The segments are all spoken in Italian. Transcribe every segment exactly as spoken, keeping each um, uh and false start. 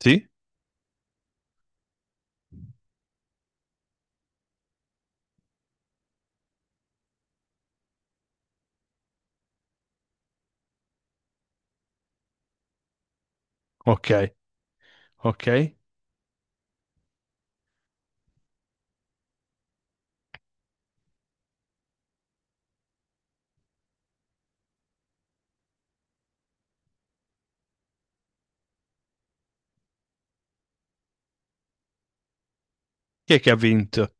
Sì? Ok, ok. Chi è che ha vinto?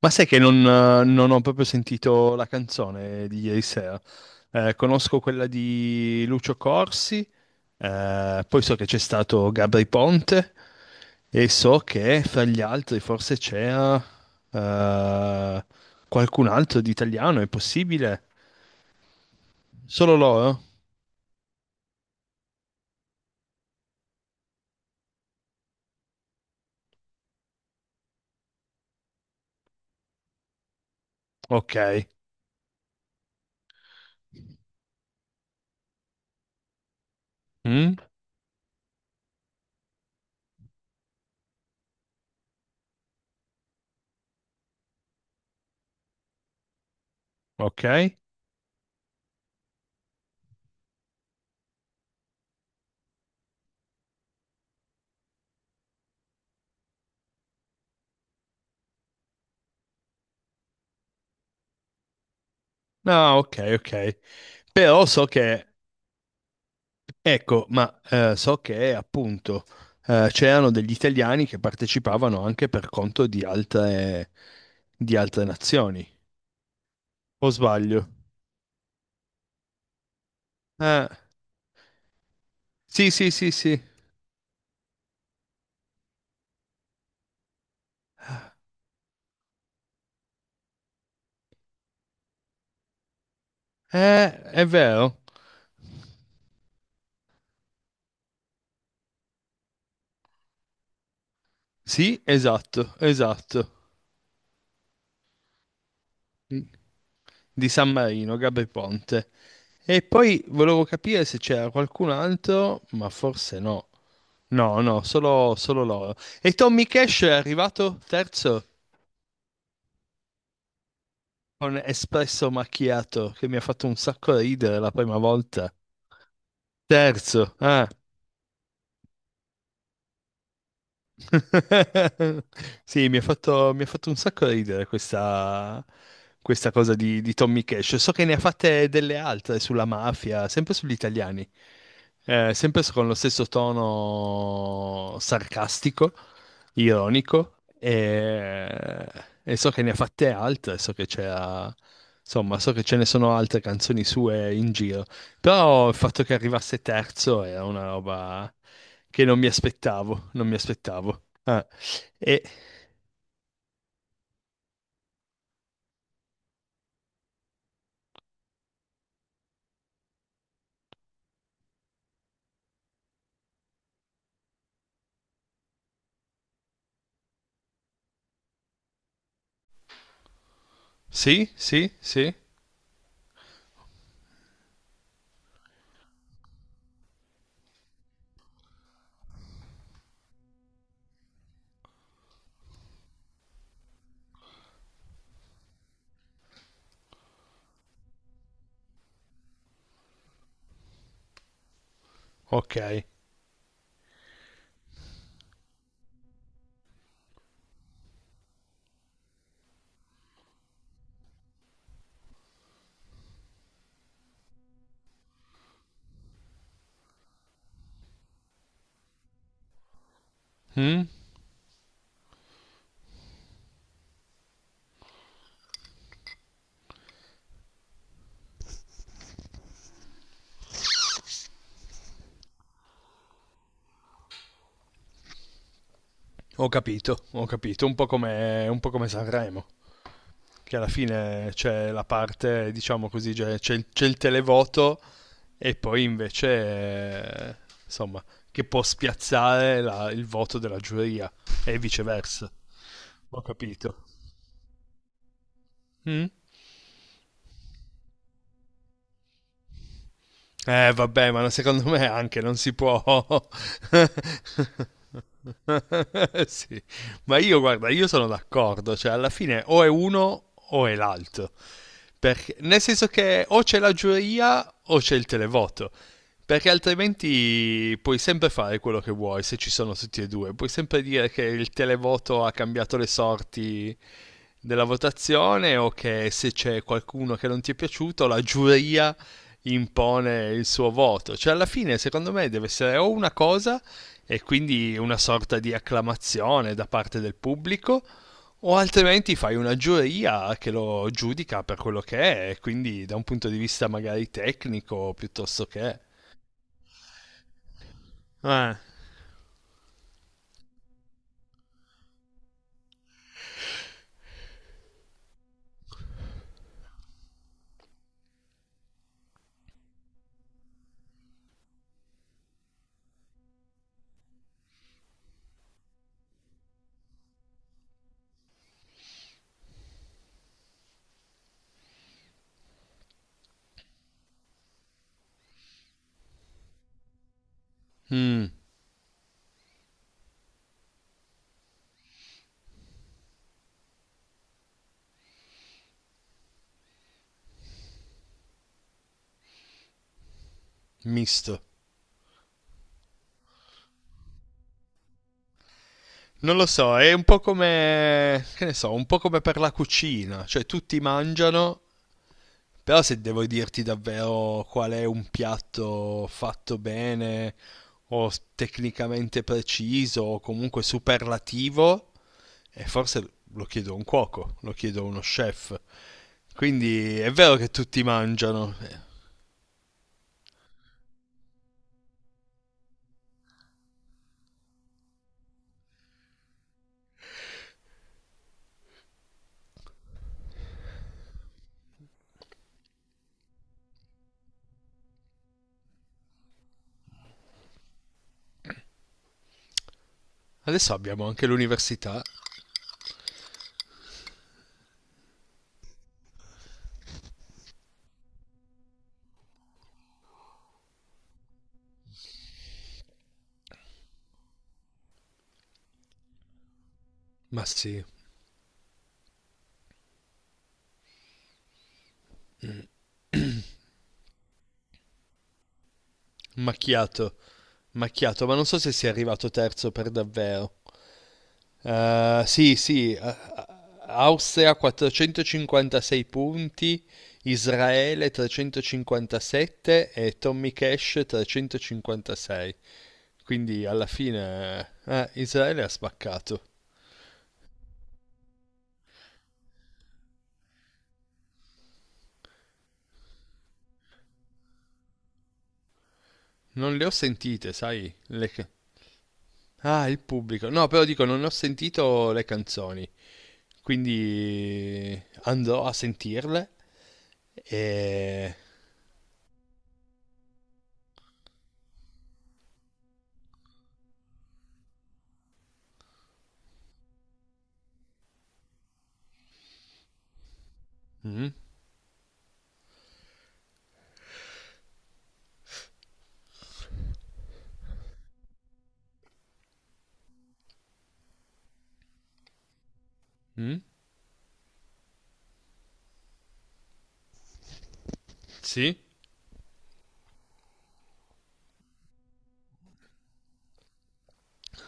Ma sai che non, eh, non ho proprio sentito la canzone di ieri sera. Eh, conosco quella di Lucio Corsi, eh, poi so che c'è stato Gabri Ponte e so che fra gli altri forse c'era eh, qualcun altro di italiano, è possibile? Solo loro? Ok. Mm? Ok. No, ok, ok. Però so che, ecco, ma eh, so che appunto eh, c'erano degli italiani che partecipavano anche per conto di altre, di altre nazioni, o sbaglio? Eh, sì, sì, sì, sì. Eh, è vero. Sì, esatto, esatto. Mm. Di San Marino, Gabri Ponte. E poi volevo capire se c'era qualcun altro, ma forse no. No, no, solo, solo loro. E Tommy Cash è arrivato terzo? Con espresso macchiato che mi ha fatto un sacco ridere la prima volta. Terzo, ah. Sì, mi ha fatto, mi ha fatto un sacco ridere questa, questa cosa di, di Tommy Cash. So che ne ha fatte delle altre sulla mafia, sempre sugli italiani, eh, sempre con lo stesso tono sarcastico, ironico, e, e so che ne ha fatte altre, so che c'era, insomma, so che ce ne sono altre canzoni sue in giro. Però il fatto che arrivasse terzo era una roba che non mi aspettavo, non mi aspettavo. Ah, e sì, sì, sì. Ok. Mm. Ho capito, ho capito. Un po' come, un po' come Sanremo, che alla fine c'è la parte, diciamo così, c'è, c'è il, c'è il televoto e poi invece, eh, insomma, che può spiazzare la il voto della giuria e viceversa. Ho capito. Mm. Eh, vabbè, ma secondo me anche non si può. Sì. Ma io, guarda, io sono d'accordo, cioè alla fine o è uno o è l'altro. Perché, nel senso che o c'è la giuria o c'è il televoto. Perché altrimenti puoi sempre fare quello che vuoi se ci sono tutti e due. Puoi sempre dire che il televoto ha cambiato le sorti della votazione o che se c'è qualcuno che non ti è piaciuto, la giuria impone il suo voto. Cioè, alla fine, secondo me, deve essere o una cosa, e quindi una sorta di acclamazione da parte del pubblico, o altrimenti fai una giuria che lo giudica per quello che è, e quindi da un punto di vista magari tecnico piuttosto che... Eh, mm, misto. Non lo so, è un po' come... che ne so, un po' come per la cucina, cioè tutti mangiano. Però se devo dirti davvero qual è un piatto fatto bene o s- tecnicamente preciso o comunque superlativo, e forse lo chiedo a un cuoco, lo chiedo a uno chef. Quindi è vero che tutti mangiano. Eh, Adesso abbiamo anche l'università, ma sì. Macchiato, macchiato, ma non so se sia arrivato terzo per davvero. Eh, sì, sì, eh, Austria quattrocentocinquantasei punti, Israele trecentocinquantasette e Tommy Cash trecentocinquantasei. Quindi alla fine eh, Israele ha spaccato. Non le ho sentite, sai? Le ca- ah, il pubblico. No, però dico, non ho sentito le canzoni. Quindi andrò a sentirle. E... mm, mm, sì,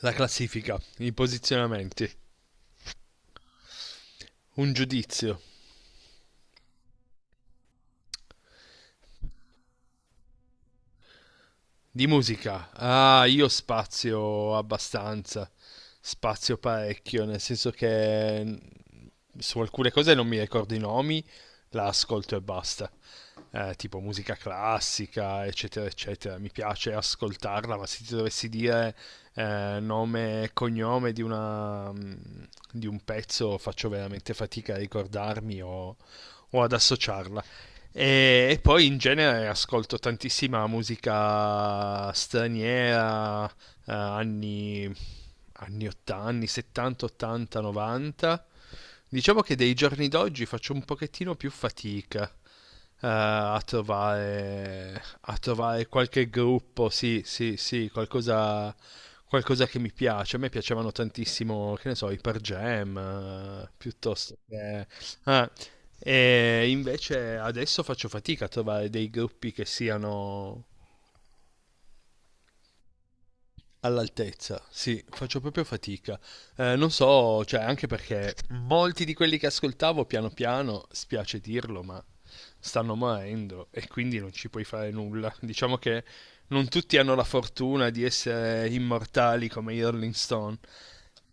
la classifica, i posizionamenti. Un giudizio. Di musica. Ah, io spazio abbastanza. Spazio parecchio, nel senso che mm, su alcune cose non mi ricordo i nomi, la ascolto e basta. Eh, tipo musica classica, eccetera, eccetera. Mi piace ascoltarla, ma se ti dovessi dire eh, nome e cognome di una, mm, di un pezzo, faccio veramente fatica a ricordarmi o o ad associarla. E, e poi in genere ascolto tantissima musica straniera, eh, anni, anni ottanta, anni settanta, ottanta, novanta. Diciamo che dei giorni d'oggi faccio un pochettino più fatica eh, a trovare, a trovare qualche gruppo, sì, sì, sì, qualcosa, qualcosa che mi piace. A me piacevano tantissimo, che ne so, i Per Jam, eh, piuttosto che... eh, e invece adesso faccio fatica a trovare dei gruppi che siano all'altezza. Sì, faccio proprio fatica. Eh, non so, cioè, anche perché molti di quelli che ascoltavo piano piano, spiace dirlo, ma stanno morendo e quindi non ci puoi fare nulla. Diciamo che non tutti hanno la fortuna di essere immortali come i Rolling Stone.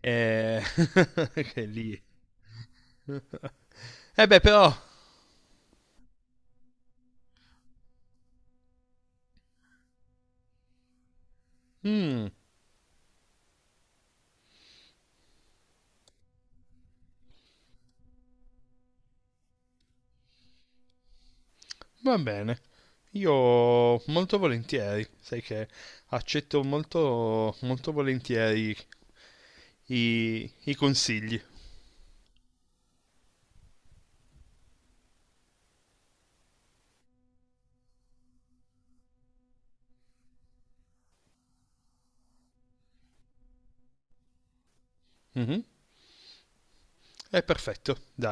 E... che lì. Eh beh, però. Mm. Va bene. Io molto volentieri, sai che accetto molto, molto volentieri i, i consigli. Mhm. È perfetto, dai.